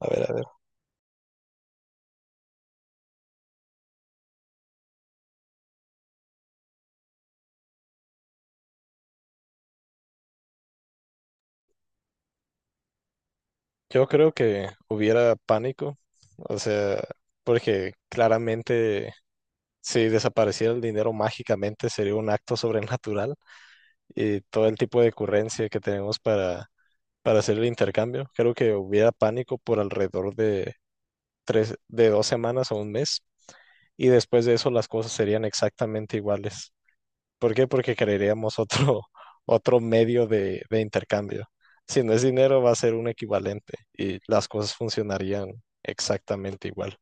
A ver, a ver. Yo creo que hubiera pánico, o sea, porque claramente si desapareciera el dinero mágicamente sería un acto sobrenatural y todo el tipo de currencia que tenemos para hacer el intercambio. Creo que hubiera pánico por alrededor de 2 semanas o un mes y después de eso las cosas serían exactamente iguales. ¿Por qué? Porque crearíamos otro, otro medio de intercambio. Si no es dinero, va a ser un equivalente y las cosas funcionarían exactamente igual.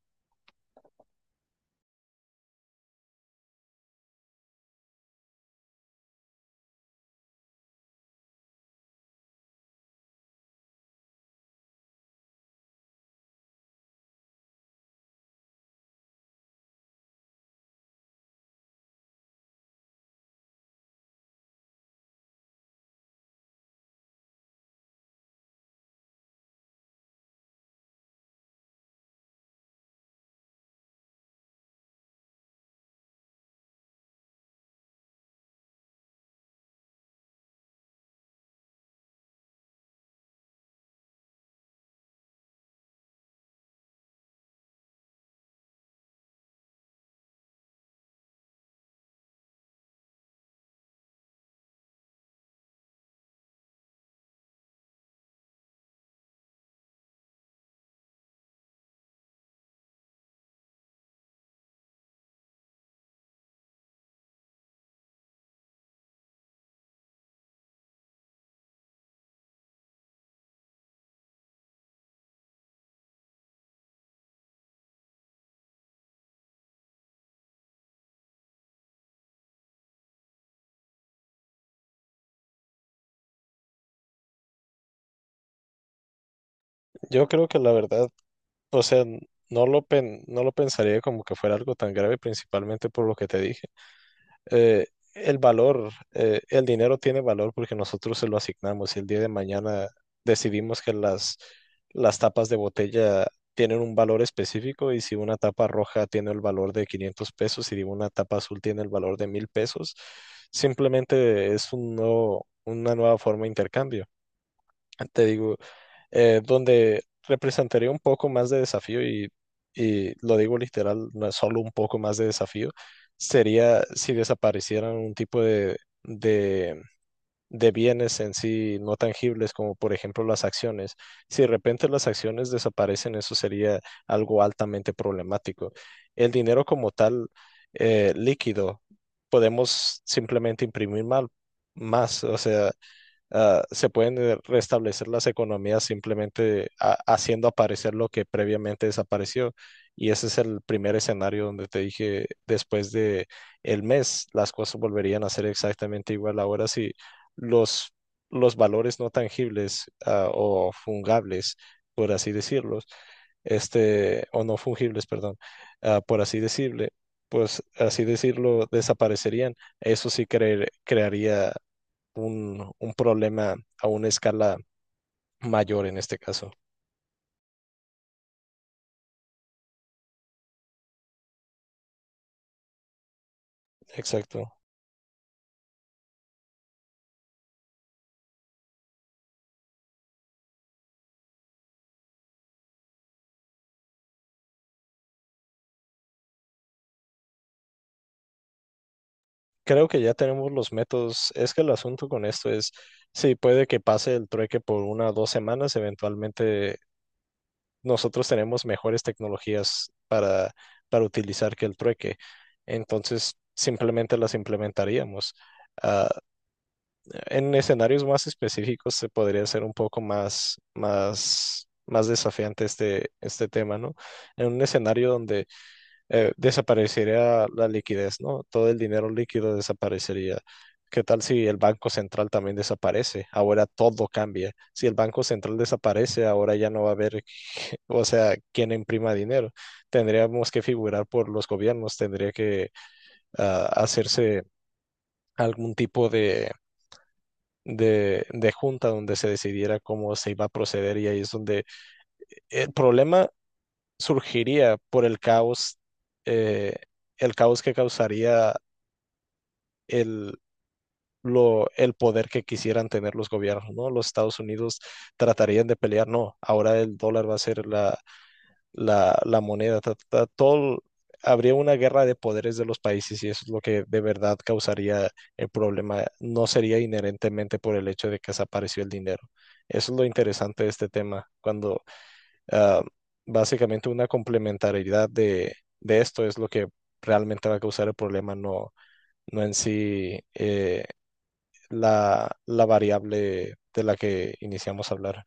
Yo creo que la verdad, o sea, no lo pensaría como que fuera algo tan grave, principalmente por lo que te dije. eh, el valor, el dinero tiene valor porque nosotros se lo asignamos y el día de mañana decidimos que las tapas de botella tienen un valor específico y si una tapa roja tiene el valor de 500 pesos y una tapa azul tiene el valor de 1.000 pesos, simplemente es una nueva forma de intercambio. Te digo, donde representaría un poco más de desafío y lo digo literal, no es solo un poco más de desafío, sería si desaparecieran un tipo de, de bienes en sí no tangibles, como por ejemplo las acciones. Si de repente las acciones desaparecen, eso sería algo altamente problemático. El dinero como tal, líquido, podemos simplemente imprimir mal, más, o sea se pueden restablecer las economías simplemente haciendo aparecer lo que previamente desapareció. Y ese es el primer escenario donde te dije, después de el mes, las cosas volverían a ser exactamente igual. Ahora si los, los valores no tangibles ah, o fungibles, por así decirlos, este, o no fungibles, perdón, ah, por así decirle, pues así decirlo, desaparecerían. Eso sí crearía un problema a una escala mayor en este caso. Exacto. Creo que ya tenemos los métodos. Es que el asunto con esto es, sí, puede que pase el trueque por una o 2 semanas, eventualmente nosotros tenemos mejores tecnologías para utilizar que el trueque. Entonces, simplemente las implementaríamos. Ah, en escenarios más específicos se podría hacer un poco más desafiante este tema, ¿no? En un escenario donde desaparecería la liquidez, ¿no? Todo el dinero líquido desaparecería. ¿Qué tal si el Banco Central también desaparece? Ahora todo cambia. Si el Banco Central desaparece, ahora ya no va a haber, que- o sea, quién imprima dinero. Tendríamos que figurar por los gobiernos, tendría que hacerse algún tipo de junta donde se decidiera cómo se iba a proceder y ahí es donde el problema surgiría por eh, el caos que causaría el, el poder que quisieran tener los gobiernos, ¿no? Los Estados Unidos tratarían de pelear, no, ahora el dólar va a ser la moneda, ta, ta, ta, todo, habría una guerra de poderes de los países y eso es lo que de verdad causaría el problema, no sería inherentemente por el hecho de que desapareció el dinero. Eso es lo interesante de este tema, cuando ah, básicamente una complementariedad de esto es lo que realmente va a causar el problema, no, no en sí la variable de la que iniciamos a hablar.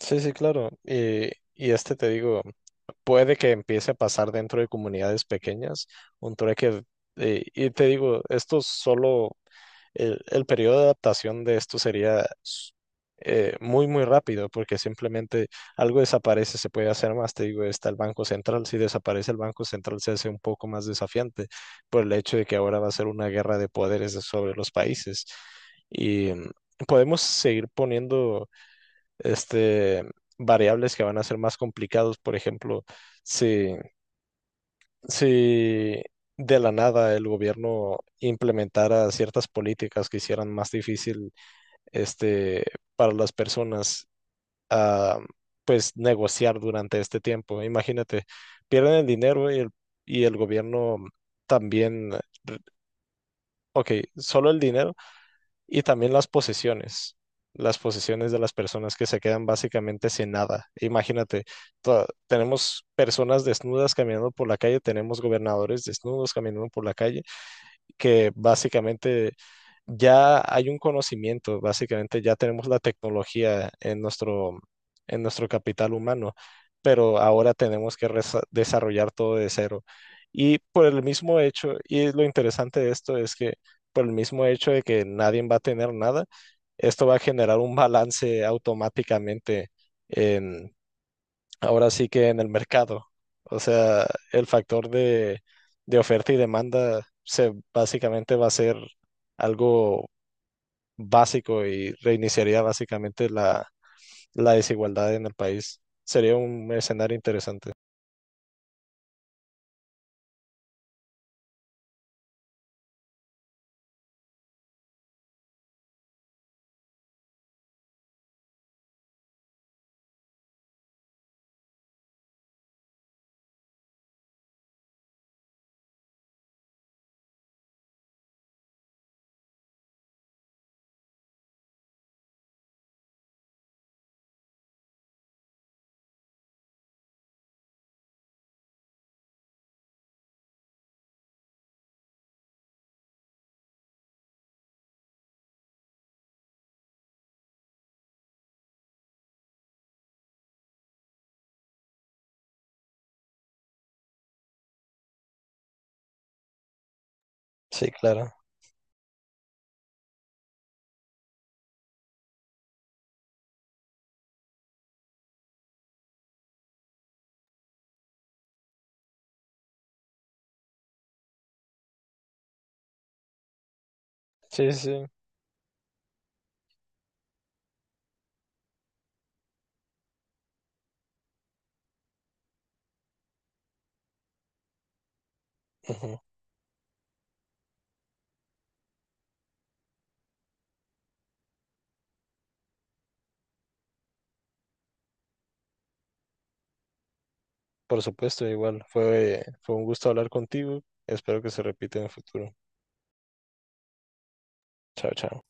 Sí, sí, claro. Y este te digo, puede que empiece a pasar dentro de comunidades pequeñas, un trueque, y te digo, esto solo, el periodo de adaptación de esto sería muy, muy rápido, porque simplemente algo desaparece, se puede hacer más. Te digo, está el Banco Central. Si desaparece el Banco Central, se hace un poco más desafiante por el hecho de que ahora va a ser una guerra de poderes sobre los países. Y mm, Podemos seguir poniendo este, variables que van a ser más complicados. Por ejemplo, si, si de la nada el gobierno implementara ciertas políticas que hicieran más difícil este, para las personas ah, pues negociar durante este tiempo. Imagínate, pierden el dinero y el gobierno también, ok, solo el dinero y también las posesiones de las personas que se quedan básicamente sin nada. Imagínate, tenemos personas desnudas caminando por la calle, tenemos gobernadores desnudos caminando por la calle que básicamente ya hay un conocimiento, básicamente ya tenemos la tecnología en nuestro capital humano, pero ahora tenemos que desarrollar todo de cero. Y por el mismo hecho, y lo interesante de esto es que por el mismo hecho de que nadie va a tener nada, esto va a generar un balance automáticamente ahora sí que en el mercado. O sea, el factor de oferta y demanda se básicamente va a ser algo básico y reiniciaría básicamente la desigualdad en el país. Sería un escenario interesante. Sí, claro. Sí, sí. Ujú. Por supuesto, igual. Fue un gusto hablar contigo. Espero que se repita en el futuro. Chao, chao.